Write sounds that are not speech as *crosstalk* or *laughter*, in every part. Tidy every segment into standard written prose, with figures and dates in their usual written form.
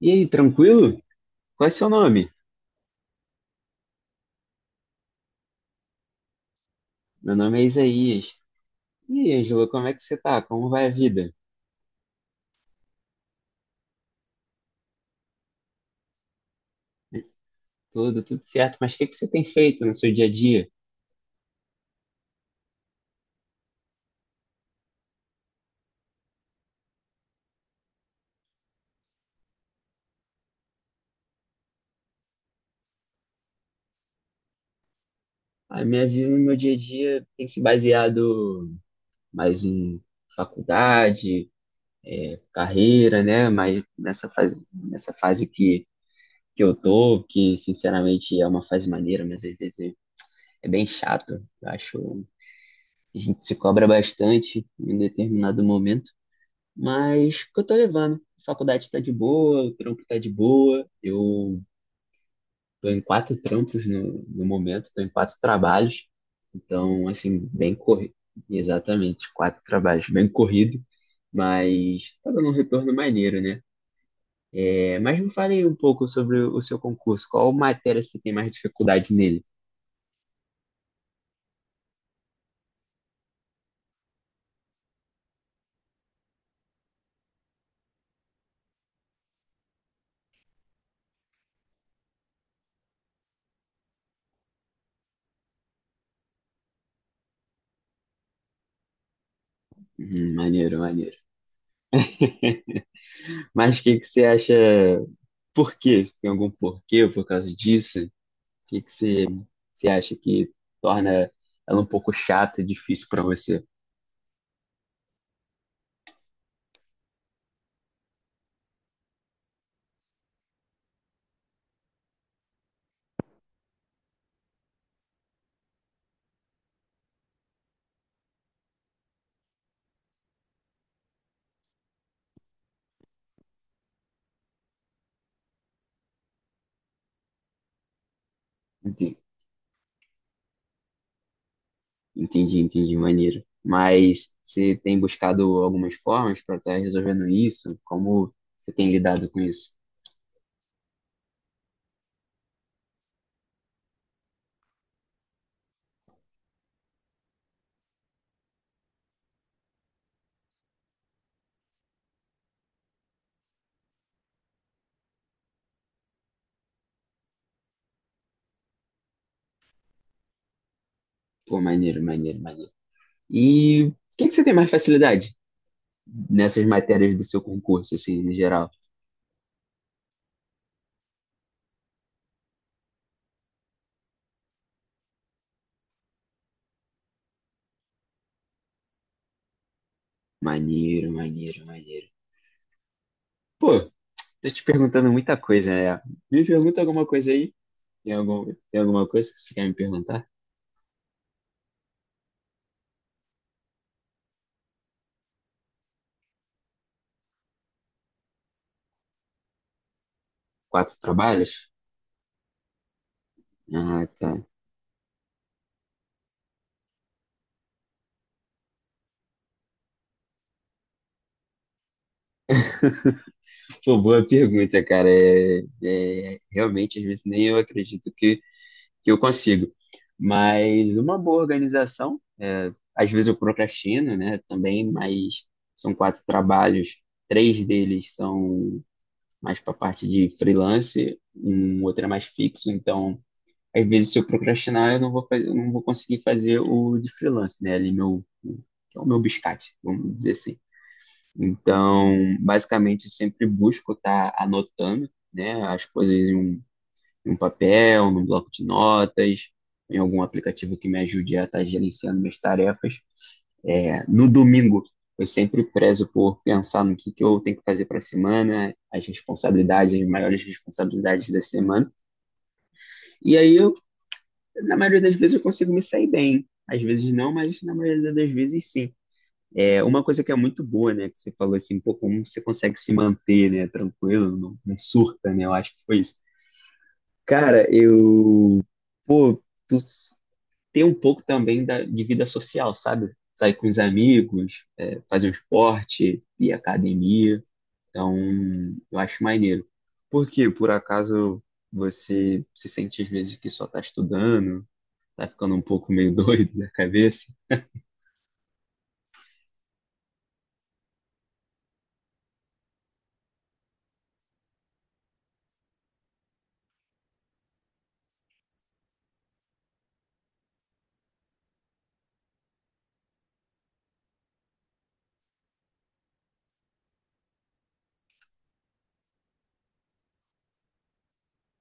E aí, tranquilo? Qual é seu nome? Meu nome é Isaías. E aí, Ângelo, como é que você tá? Como vai a vida? Tudo certo, mas o que que você tem feito no seu dia a dia? A minha vida no meu dia a dia tem se baseado mais em faculdade, carreira, né? Mas nessa fase, que eu tô, que sinceramente é uma fase maneira, mas às vezes é bem chato. Eu acho, a gente se cobra bastante em um determinado momento. Mas que eu tô levando. A faculdade tá de boa, o trampo tá de boa. Eu tô em quatro trampos no momento, tô em quatro trabalhos. Então, assim, bem corrido. Exatamente, quatro trabalhos, bem corrido. Mas tá dando um retorno maneiro, né? É, mas me fale aí um pouco sobre o seu concurso. Qual matéria você tem mais dificuldade nele? Maneiro, maneiro. Mas o que que você acha? Por quê? Se tem algum porquê por causa disso? O que que você acha que torna ela um pouco chata e difícil para você? Entendi, entendi, entendi, maneiro. Mas você tem buscado algumas formas para estar resolvendo isso? Como você tem lidado com isso? Pô, maneiro, maneiro, maneiro. E o que que você tem mais facilidade nessas matérias do seu concurso, assim, no geral? Maneiro, maneiro, maneiro. Pô, tô te perguntando muita coisa, né? Me pergunta alguma coisa aí. Tem algum, Tem alguma coisa que você quer me perguntar? Quatro trabalhos? Ah, tá. Pô, boa pergunta, cara. Realmente, às vezes, nem eu acredito que eu consigo. Mas uma boa organização, é, às vezes eu procrastino, né, também, mas são quatro trabalhos, três deles são mais para parte de freelance, um outro é mais fixo, então, às vezes, se eu procrastinar, eu não vou fazer, eu não vou conseguir fazer o de freelance, né, ali meu, que é o meu biscate, vamos dizer assim. Então, basicamente, eu sempre busco estar anotando, né, as coisas em um papel, num bloco de notas, em algum aplicativo que me ajude a estar gerenciando minhas tarefas. É, no domingo, eu sempre prezo por pensar no que eu tenho que fazer para a semana, as responsabilidades, as maiores responsabilidades da semana. E aí, eu, na maioria das vezes, eu consigo me sair bem. Às vezes não, mas na maioria das vezes sim. É uma coisa que é muito boa, né? Que você falou assim, pô, como você consegue se manter, né? Tranquilo, não surta, né? Eu acho que foi isso. Cara, eu, pô, tu s- ter um pouco também de vida social, sabe? Sair com os amigos, é, fazer um esporte, ir à academia. Então, eu acho maneiro. Por quê? Por acaso você se sente às vezes que só tá estudando, tá ficando um pouco meio *laughs* doido da cabeça?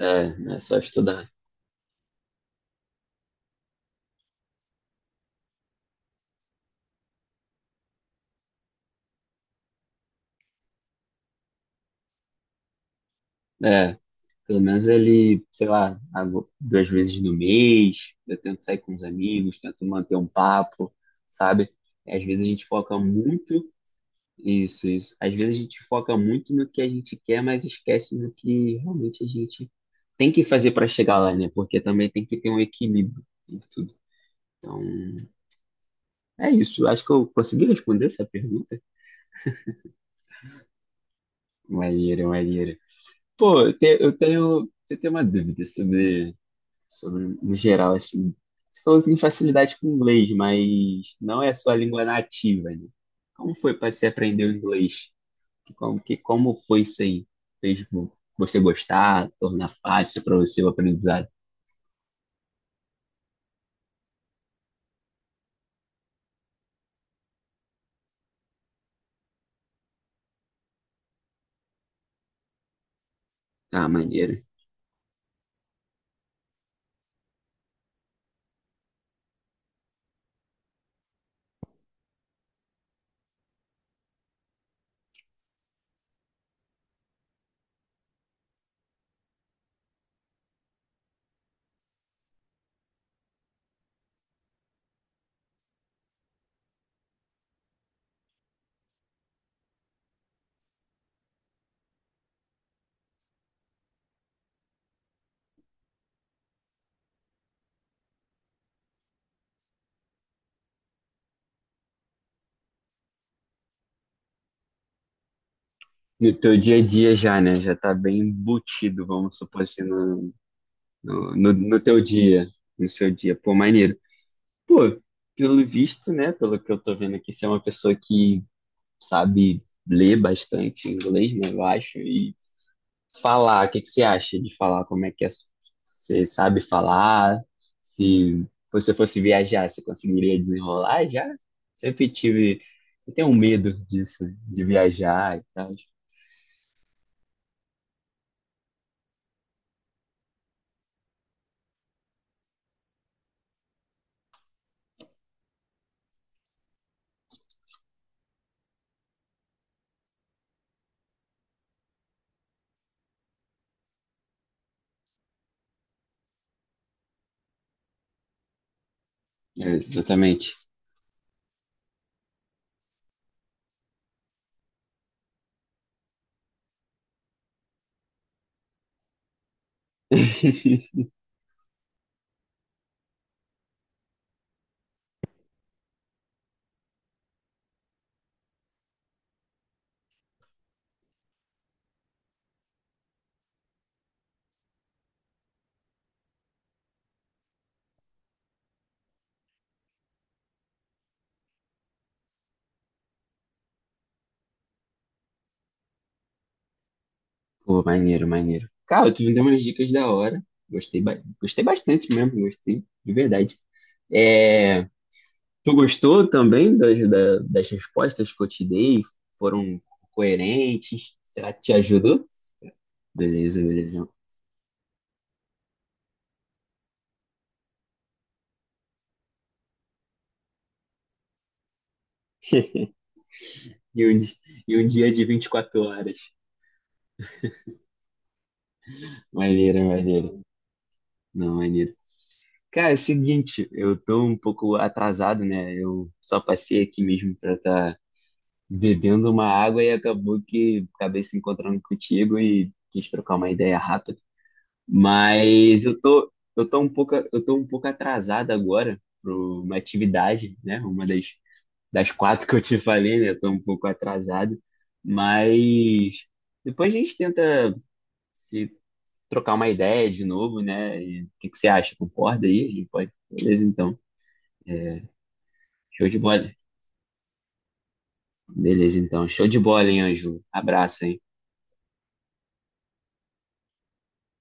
É, é só estudar. É. Pelo menos ele, sei lá, duas vezes no mês, eu tento sair com os amigos, tento manter um papo, sabe? Às vezes a gente foca muito, isso, isso. Às vezes a gente foca muito no que a gente quer, mas esquece no que realmente a gente tem que fazer para chegar lá, né? Porque também tem que ter um equilíbrio em tudo. Então, é isso. Acho que eu consegui responder essa pergunta. Maneira, maneira. Pô, eu tenho uma dúvida sobre, no geral, assim. Você falou que tem facilidade com inglês, mas não é só a língua nativa, né? Como foi para você aprender o inglês? Como foi isso aí? Fez vo- Você gostar, tornar fácil para você o aprendizado? Ah, maneiro. No teu dia a dia já, né? Já tá bem embutido, vamos supor assim, no teu dia, no seu dia. Pô, maneiro. Pô, pelo visto, né? Pelo que eu tô vendo aqui, você é uma pessoa que sabe ler bastante inglês, né, eu acho, e falar, o que que você acha de falar, como é que é, você sabe falar, se você fosse viajar, você conseguiria desenrolar já? Sempre tive, eu tenho um medo disso, de viajar e tal. É, exatamente. *laughs* Pô, maneiro, maneiro. Cara, tu me deu umas dicas da hora. Gostei, gostei bastante mesmo, gostei, de verdade. É, Tu gostou também das respostas que eu te dei? Foram coerentes? Será que te ajudou? Beleza, beleza. E um, di- e um dia de 24 horas. Maneiro, maneiro. Não, maneiro. Cara, é o seguinte, eu tô um pouco atrasado, né? Eu só passei aqui mesmo pra estar tá bebendo uma água e acabou que acabei se encontrando contigo e quis trocar uma ideia rápida. Mas eu tô um pouco, eu tô um pouco atrasado agora para uma atividade, né? Uma das, das quatro que eu te falei, né? Eu tô um pouco atrasado, mas depois a gente tenta se trocar uma ideia de novo, né? E o que que você acha? Concorda aí? A gente pode? Beleza, então. Show de bola. Beleza, então. Show de bola, hein, Ângelo? Abraço, hein?